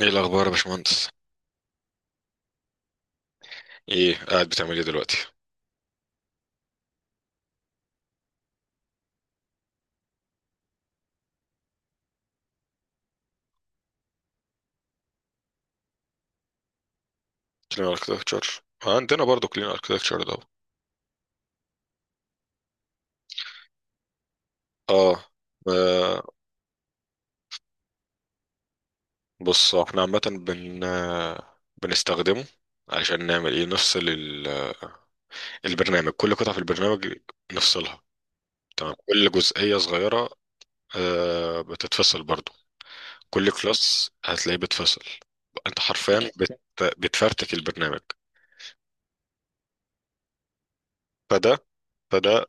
ايه الاخبار يا باشمهندس؟ ايه قاعد بتعمل ايه دلوقتي؟ كلين اركتكتشر عندنا برضو، كلين اركتكتشر ده. اه. آه، بص، احنا عامه بن آه، بنستخدمه علشان نعمل ايه. نفصل البرنامج، كل قطعه في البرنامج نفصلها، تمام، كل جزئيه صغيره بتتفصل برضو، كل كلاس هتلاقيه بتفصل. انت حرفيا بتفرتك البرنامج. فده فده.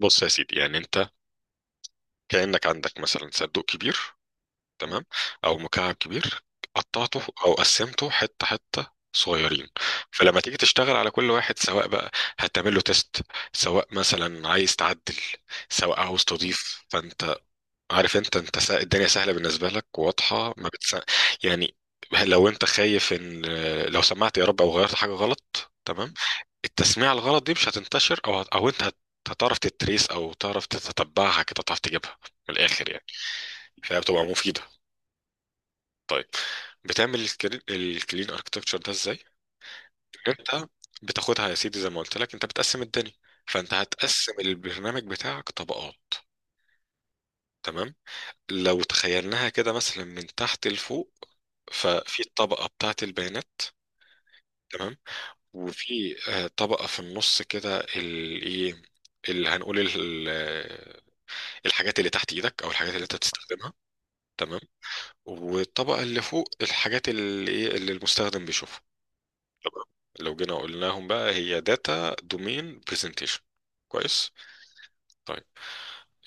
بص يا سيدي، يعني انت كأنك عندك مثلا صندوق كبير، تمام، او مكعب كبير، قطعته او قسمته حته حته صغيرين. فلما تيجي تشتغل على كل واحد، سواء بقى هتعمل له تيست، سواء مثلا عايز تعدل، سواء عاوز تضيف، فانت عارف. انت الدنيا سهله بالنسبه لك، واضحه، ما بتس... يعني لو انت خايف ان، لو سمعت يا رب او غيرت حاجه غلط، تمام، التسميع الغلط دي مش هتنتشر، او هت... او انت هت... هتعرف تتريس او تعرف تتتبعها كده، تعرف تجيبها من الاخر يعني، فهي بتبقى مفيده. بتعمل الكلين اركتكتشر ده ازاي؟ انت بتاخدها يا سيدي زي ما قلت لك، انت بتقسم الدنيا، فانت هتقسم البرنامج بتاعك طبقات، تمام. لو تخيلناها كده مثلا من تحت لفوق، ففي الطبقة بتاعة البيانات، تمام، وفي طبقة في النص كده ال- ايه اللي هنقول الحاجات اللي تحت ايدك او الحاجات اللي انت بتستخدمها، تمام، والطبقة اللي فوق الحاجات اللي ايه، اللي المستخدم بيشوفها. طب لو جينا قلناهم بقى، هي داتا، دومين، برزنتيشن. كويس. طيب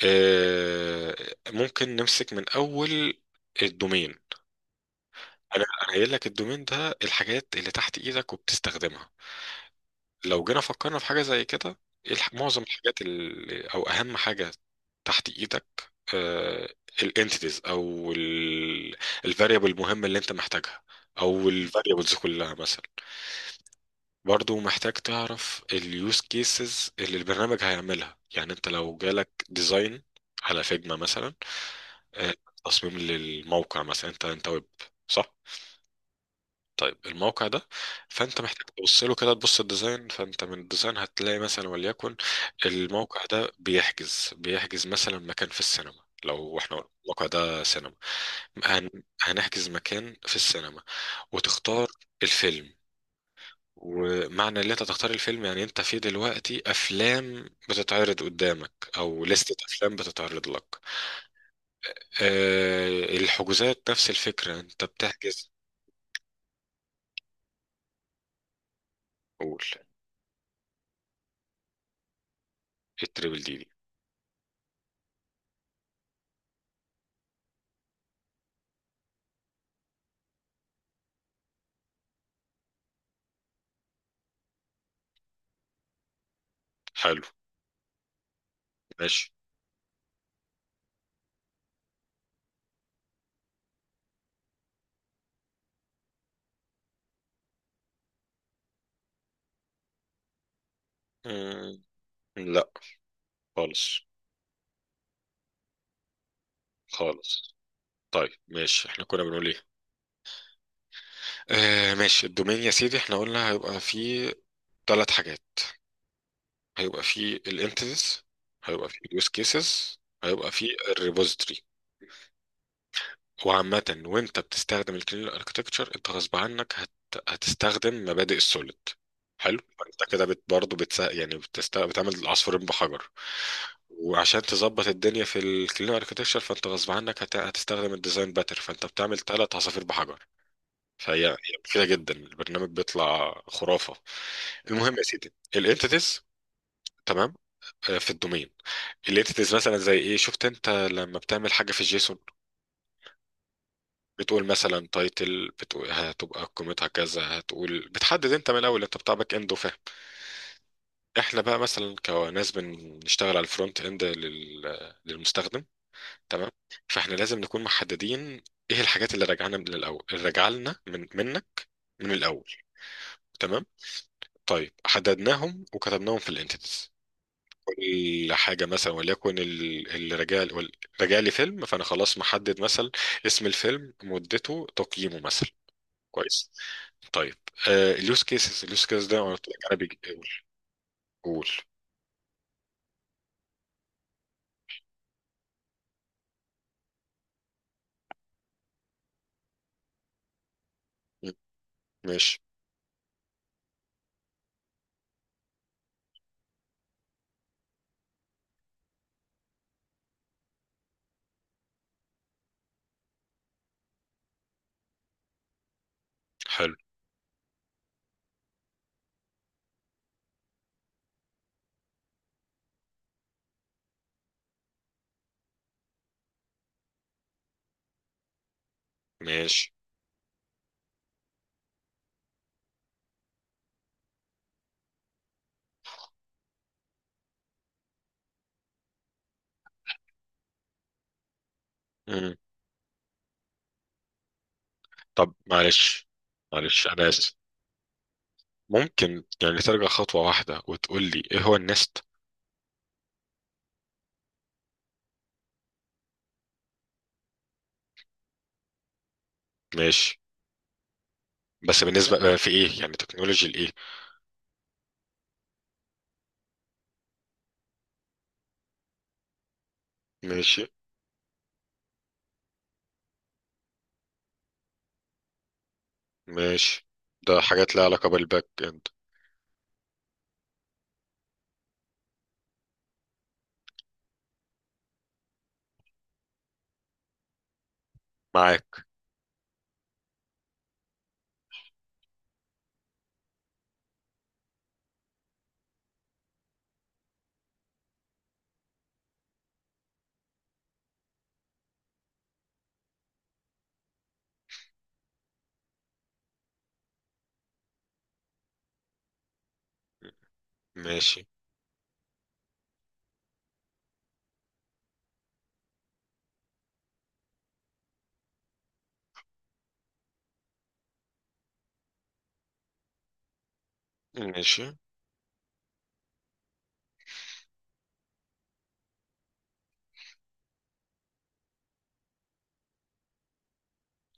آه ممكن نمسك من اول الدومين. أنا قايل لك الدومين ده الحاجات اللي تحت ايدك وبتستخدمها. لو جينا فكرنا في حاجه زي كده، إيه معظم الحاجات او اهم حاجه تحت ايدك؟ الانتيتيز، او الفاريبل المهمه اللي انت محتاجها، او الفاريبلز كلها مثلا. برضو محتاج تعرف اليوز كيسز اللي البرنامج هيعملها، يعني انت لو جالك ديزاين على فيجما مثلا، آه، تصميم للموقع مثلا، انت ويب، صح؟ طيب الموقع ده، فانت محتاج تبص له كده، تبص الديزاين، فانت من الديزاين هتلاقي مثلا، وليكن الموقع ده بيحجز مثلا مكان في السينما. لو احنا قلنا الموقع ده سينما، هنحجز مكان في السينما، وتختار الفيلم. ومعنى اللي انت تختار الفيلم، يعني انت في دلوقتي افلام بتتعرض قدامك، او لستة افلام بتتعرض لك. أه، الحجوزات نفس الفكرة، انت بتحجز. قول. ايه التريبل دي دي؟ حلو. ماشي. مم، لا، خالص، خالص. طيب ماشي، احنا كنا بنقول ايه؟ ماشي. الدومين يا سيدي احنا قلنا هيبقى فيه ثلاث حاجات، هيبقى فيه الانتيتيز، هيبقى فيه اليوز كيسز، هيبقى فيه الريبوزيتوري. وعامة وانت بتستخدم الكلين اركتكتشر انت غصب عنك هتستخدم مبادئ السوليد، حلو. انت كده برضه يعني بتعمل عصفورين بحجر. وعشان تظبط الدنيا في الكلين اركتكتشر فانت غصب عنك هتستخدم الديزاين باتر، فانت بتعمل ثلاث عصافير بحجر. فهي مفيدة جدا، البرنامج بيطلع خرافة. المهم يا سيدي الانتيتيز، تمام، في الدومين الانتيتيز مثلا زي ايه. شفت انت لما بتعمل حاجة في الجيسون، بتقول مثلا تايتل، بتقول هتبقى قيمتها كذا، هتقول، بتحدد انت من الاول. انت بتاع باك اند وفاهم، احنا بقى مثلا كناس بنشتغل على الفرونت اند للمستخدم، تمام. فاحنا لازم نكون محددين ايه الحاجات اللي راجعنا من الاول، اللي راجعه لنا، من منا، من الاول، تمام. طيب حددناهم وكتبناهم في الانتيتيز، كل حاجه مثلا وليكن اللي راجع راجع لي فيلم، فانا خلاص محدد مثلا اسم الفيلم، مدته، تقييمه مثلا، كويس. طيب اليوز كيسز، اليوز كيس ده انا قلت لك انا بيجي قول. قول. م- ماشي. حلو. ماشي. مم. طب معلش، معلش انا اسف. ممكن يعني ترجع خطوه واحده وتقول لي ايه هو النست؟ ماشي. بس بالنسبه في ايه يعني، تكنولوجي الايه؟ ماشي. ماشي. ده حاجات لها علاقه بالباك اند. معاك. ماشي. ماشي.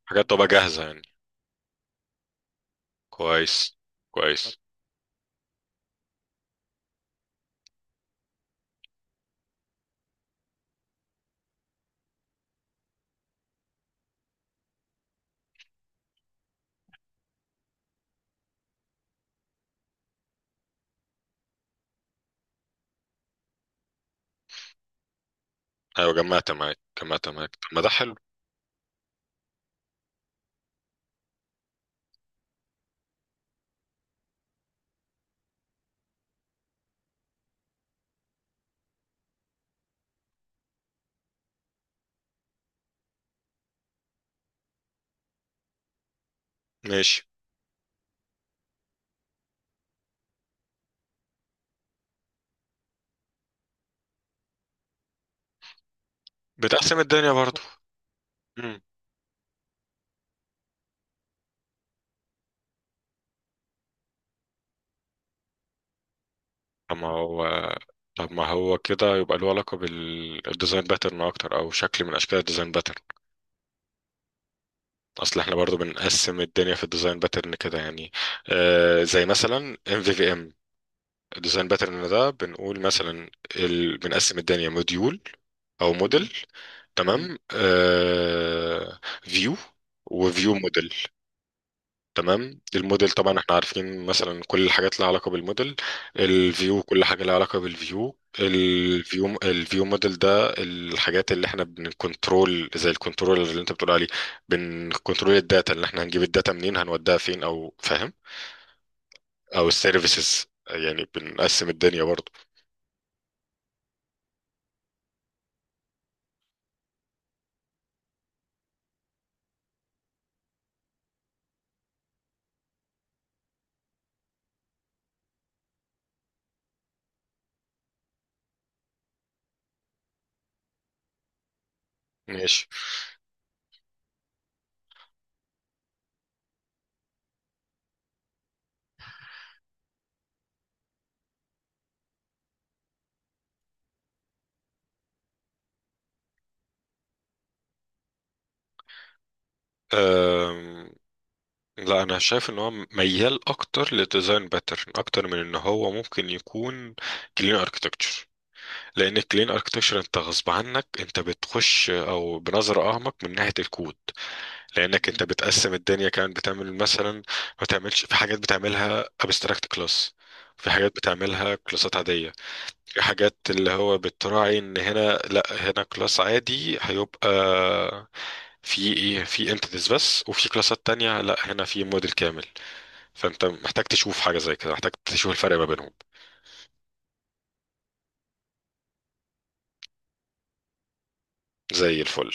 حاجات تبقى جاهزه يعني، كويس، كويس. ايوه، جمعت معاك، جمعت معاك، طب ما ده حلو. ماشي. بتقسم الدنيا برضه. طب ما هو طب ما هو كده يبقى له علاقة بالديزاين باترن أكتر، أو شكل من أشكال الديزاين باترن. أصل احنا برضو بنقسم الدنيا في الديزاين باترن كده يعني، زي مثلا MVVM، الديزاين باترن ده بنقول مثلا بنقسم الدنيا موديول أو موديل. مم. تمام. فيو، وفيو موديل، تمام. الموديل طبعا احنا عارفين مثلا كل الحاجات لها علاقة بالموديل. الفيو كل حاجة لها علاقة بالفيو. الفيو الفيو موديل ده الحاجات اللي احنا بنكنترول، زي الكنترول اللي انت بتقول عليه. بنكنترول الداتا، اللي احنا هنجيب الداتا منين، هنوديها فين، او فاهم، او السيرفيسز، يعني بنقسم الدنيا برضو. ماشي. أم... لا، انا شايف ان هو ميال اكتر لديزاين باترن، اكتر من ان هو ممكن يكون كلين اركتكتشر، لان الكلين اركتكشر انت غصب عنك انت بتخش او بنظره اعمق من ناحيه الكود، لانك انت بتقسم الدنيا كمان، بتعمل مثلا، ما تعملش، في حاجات بتعملها ابستراكت كلاس، في حاجات بتعملها كلاسات عاديه، في حاجات اللي هو بتراعي ان هنا لا، هنا كلاس عادي هيبقى في ايه، في انتيتيز بس، وفي كلاسات تانية لا، هنا في موديل كامل. فانت محتاج تشوف حاجه زي كده، محتاج تشوف الفرق ما بينهم، زي الفل